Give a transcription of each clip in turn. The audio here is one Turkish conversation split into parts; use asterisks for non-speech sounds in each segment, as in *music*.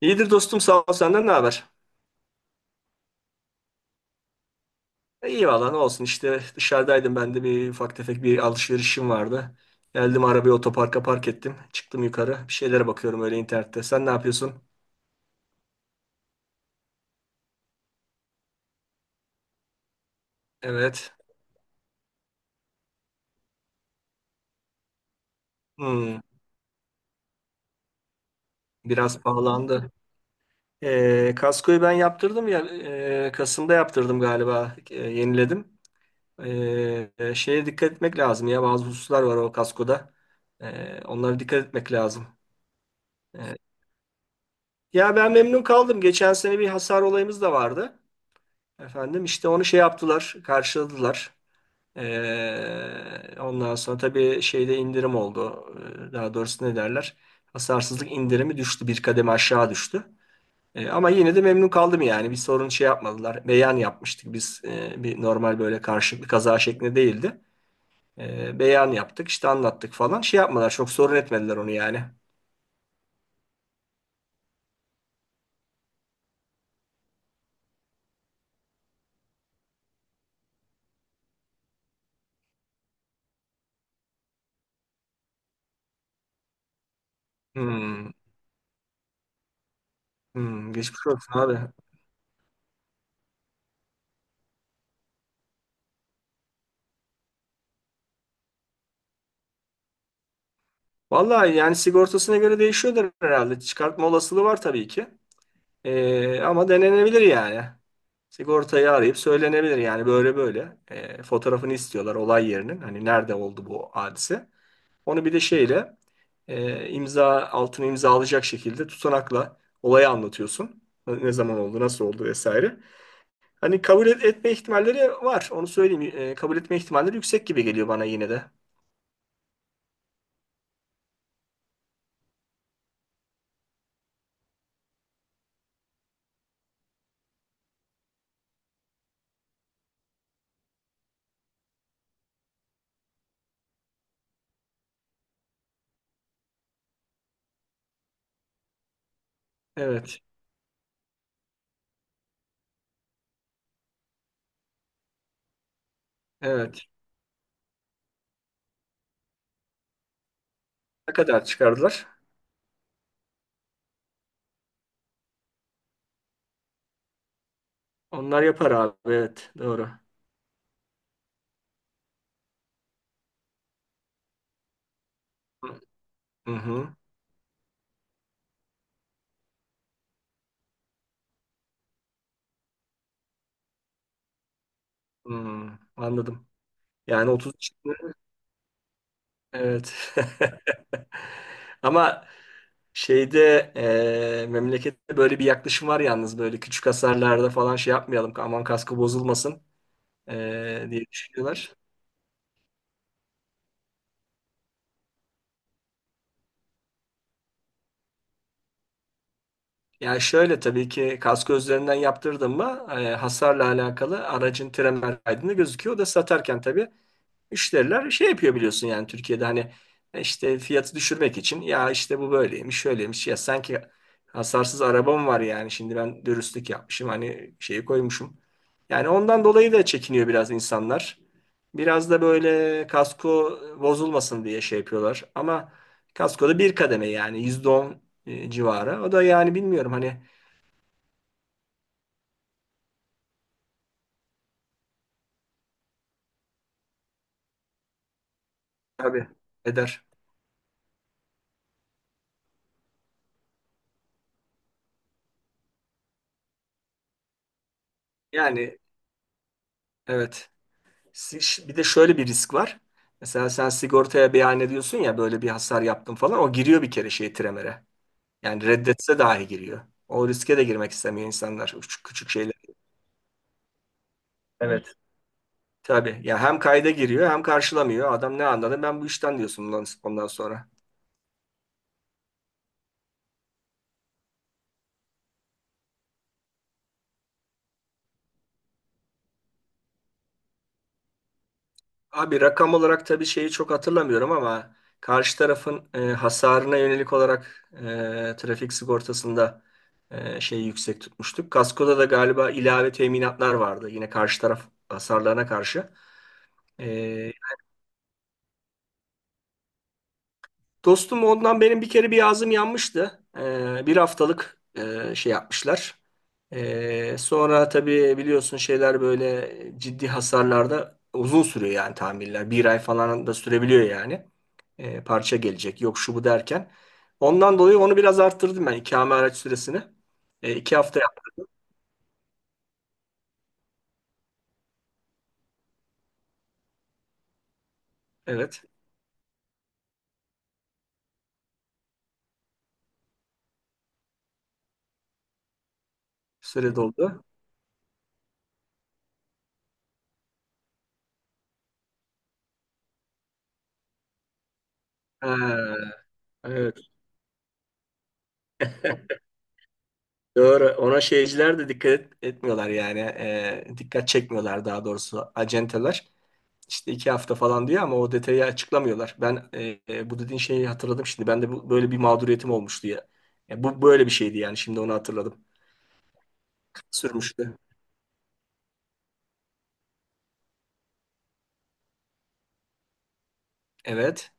İyidir dostum, sağ ol. Senden ne haber? İyi valla, ne olsun işte, dışarıdaydım ben de, bir ufak tefek bir alışverişim vardı. Geldim, arabayı otoparka park ettim. Çıktım yukarı, bir şeylere bakıyorum öyle internette. Sen ne yapıyorsun? Evet. Hmm, biraz pahalandı. Kaskoyu ben yaptırdım ya, Kasım'da yaptırdım galiba, yeniledim. Şeye dikkat etmek lazım ya, bazı hususlar var o kaskoda. Onlara dikkat etmek lazım. E, Ya ben memnun kaldım. Geçen sene bir hasar olayımız da vardı. Efendim işte onu şey yaptılar, karşıladılar. Ondan sonra tabii şeyde indirim oldu. Daha doğrusu ne derler? Hasarsızlık indirimi düştü, bir kademe aşağı düştü. Ama yine de memnun kaldım yani. Bir sorun şey yapmadılar. Beyan yapmıştık biz. Bir normal böyle karşılıklı kaza şeklinde değildi. Beyan yaptık, işte anlattık falan. Şey yapmadılar, çok sorun etmediler onu yani. Hmm, hmm, geçmiş olsun abi. Vallahi yani sigortasına göre değişiyordur herhalde. Çıkartma olasılığı var tabii ki. Ama denenebilir yani. Sigortayı arayıp söylenebilir yani, böyle böyle. Fotoğrafını istiyorlar olay yerinin. Hani nerede oldu bu hadise. Onu bir de şeyle imza altını imzalayacak şekilde tutanakla olayı anlatıyorsun. Ne zaman oldu, nasıl oldu vesaire. Hani etme ihtimalleri var. Onu söyleyeyim. Kabul etme ihtimalleri yüksek gibi geliyor bana yine de. Evet. Evet. Ne kadar çıkardılar? Onlar yapar abi. Evet. Doğru. Hı hı. Hı, anladım. Yani 30 yaşında, evet. *laughs* Ama şeyde memlekette böyle bir yaklaşım var yalnız, böyle küçük hasarlarda falan şey yapmayalım, aman kaskı bozulmasın diye düşünüyorlar. Yani şöyle, tabii ki kaskı üzerinden yaptırdın mı hasarla alakalı aracın tren kaydında gözüküyor. O da satarken tabii müşteriler şey yapıyor, biliyorsun yani, Türkiye'de hani işte fiyatı düşürmek için, ya işte bu böyleymiş şöyleymiş, ya sanki hasarsız arabam var, yani şimdi ben dürüstlük yapmışım, hani şeyi koymuşum. Yani ondan dolayı da çekiniyor biraz insanlar. Biraz da böyle kasko bozulmasın diye şey yapıyorlar ama kaskoda bir kademe, yani %10 civarı. O da yani bilmiyorum hani, tabii eder. Yani evet. Si- Bir de şöyle bir risk var. Mesela sen sigortaya beyan ediyorsun ya, böyle bir hasar yaptım falan, o giriyor bir kere şey Tremer'e. Yani reddetse dahi giriyor. O riske de girmek istemiyor insanlar, küçük, küçük şeyler. Evet. Tabii ya, hem kayda giriyor hem karşılamıyor. Adam ne anladı ben bu işten diyorsun ondan sonra. Abi rakam olarak tabii şeyi çok hatırlamıyorum ama karşı tarafın hasarına yönelik olarak trafik sigortasında şeyi yüksek tutmuştuk. Kaskoda da galiba ilave teminatlar vardı yine, karşı taraf hasarlarına karşı. E, Dostum ondan benim bir kere bir ağzım yanmıştı. Bir haftalık şey yapmışlar. Sonra tabii biliyorsun şeyler böyle ciddi hasarlarda uzun sürüyor yani, tamirler. Bir ay falan da sürebiliyor yani. Parça gelecek. Yok şu bu derken. Ondan dolayı onu biraz arttırdım ben, ikame araç süresini. İki hafta yaptım. Evet. Süre doldu. Ha, evet. Doğru. Ona şeyciler de etmiyorlar yani. Dikkat çekmiyorlar daha doğrusu, acenteler. İşte iki hafta falan diyor ama o detayı açıklamıyorlar. Ben bu dediğin şeyi hatırladım şimdi. Ben de bu, böyle bir mağduriyetim olmuştu ya. Ya bu böyle bir şeydi yani. Şimdi onu hatırladım. Sürmüştü. Evet.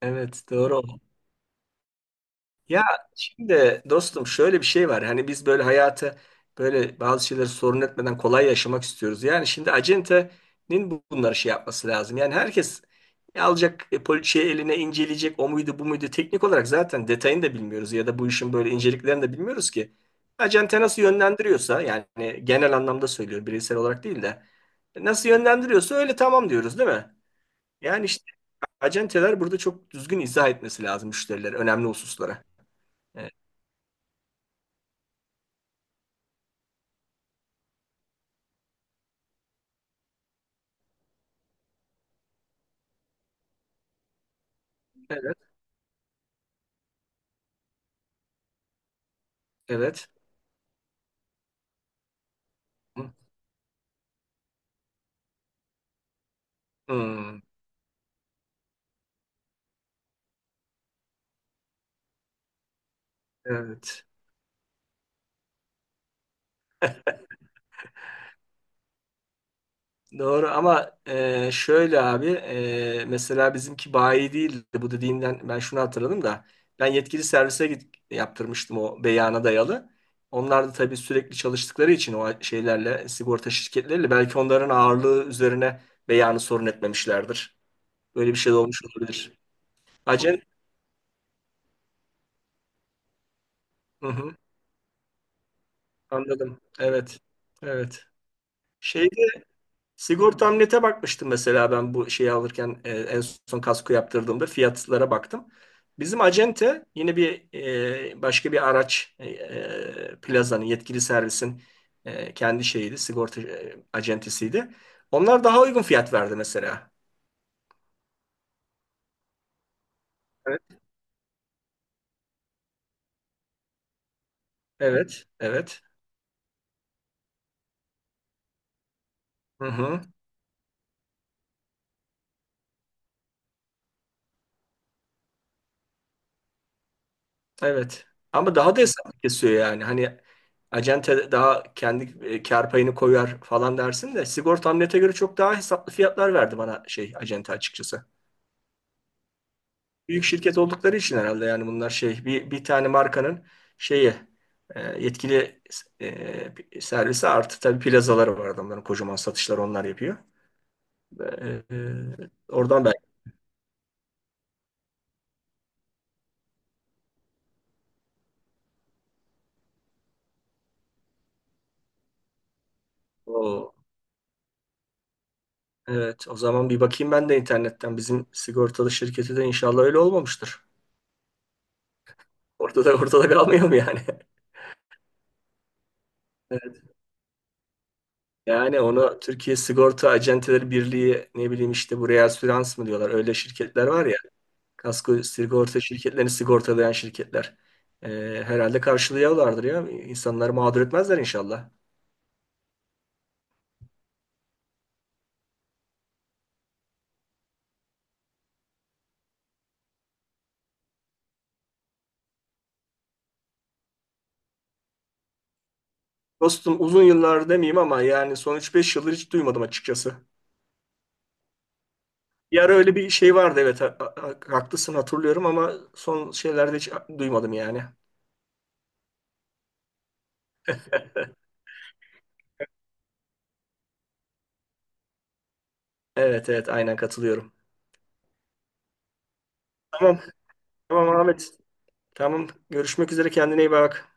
Evet. Doğru. Ya şimdi dostum şöyle bir şey var. Hani biz böyle hayatı, böyle bazı şeyleri sorun etmeden kolay yaşamak istiyoruz. Yani şimdi acentenin bunları şey yapması lazım. Yani herkes alacak şey eline, inceleyecek o muydu bu muydu, teknik olarak zaten detayını da bilmiyoruz ya da bu işin böyle inceliklerini de bilmiyoruz ki. Acente nasıl yönlendiriyorsa yani, genel anlamda söylüyor bireysel olarak değil de, nasıl yönlendiriyorsa öyle tamam diyoruz, değil mi? Yani işte acenteler burada çok düzgün izah etmesi lazım müşterilere, önemli hususlara. E, Evet, evet. Hmm, evet. Doğru ama şöyle abi, mesela bizimki bayi değildi, bu dediğinden ben şunu hatırladım da, ben yetkili servise git, yaptırmıştım o beyana dayalı. Onlar da tabii sürekli çalıştıkları için o şeylerle, sigorta şirketleriyle, belki onların ağırlığı üzerine beyanı sorun etmemişlerdir. Böyle bir şey de olmuş olabilir. Acen, hı hı, anladım. Evet, evet. Şey Sigorta Amlet'e bakmıştım mesela ben bu şeyi alırken, en son kasko yaptırdığımda fiyatlara baktım. Bizim acente yine bir başka bir araç plazanın yetkili servisin kendi şeyiydi, sigorta acentesiydi. Onlar daha uygun fiyat verdi mesela. Evet. Evet, evet. Hı hı, evet. Ama daha da hesap kesiyor yani. Hani acente daha kendi kar payını koyar falan dersin, de sigorta amlete göre çok daha hesaplı fiyatlar verdi bana şey acente, açıkçası. Büyük şirket oldukları için herhalde yani, bunlar şey bir, bir tane markanın şeyi, yetkili servisi, artı tabii plazaları var adamların, kocaman satışları onlar yapıyor. E, Oradan belki o, evet o zaman bir bakayım ben de internetten bizim sigortalı şirketi, de inşallah öyle olmamıştır. Ortada kalmayalım yani. *laughs* Evet. Yani onu Türkiye Sigorta Acenteleri Birliği, ne bileyim işte buraya reasürans mı diyorlar, öyle şirketler var ya, kasko sigorta şirketlerini sigortalayan şirketler. E, Herhalde karşılıyorlardır ya. İnsanları mağdur etmezler inşallah. Dostum uzun yıllar demeyeyim ama yani son üç beş yıldır hiç duymadım açıkçası. Bir ara öyle bir şey vardı, evet, haklısın, hatırlıyorum ama son şeylerde hiç duymadım yani. Evet evet, aynen katılıyorum. Tamam, tamam Ahmet. Tamam, görüşmek üzere, kendine iyi bak.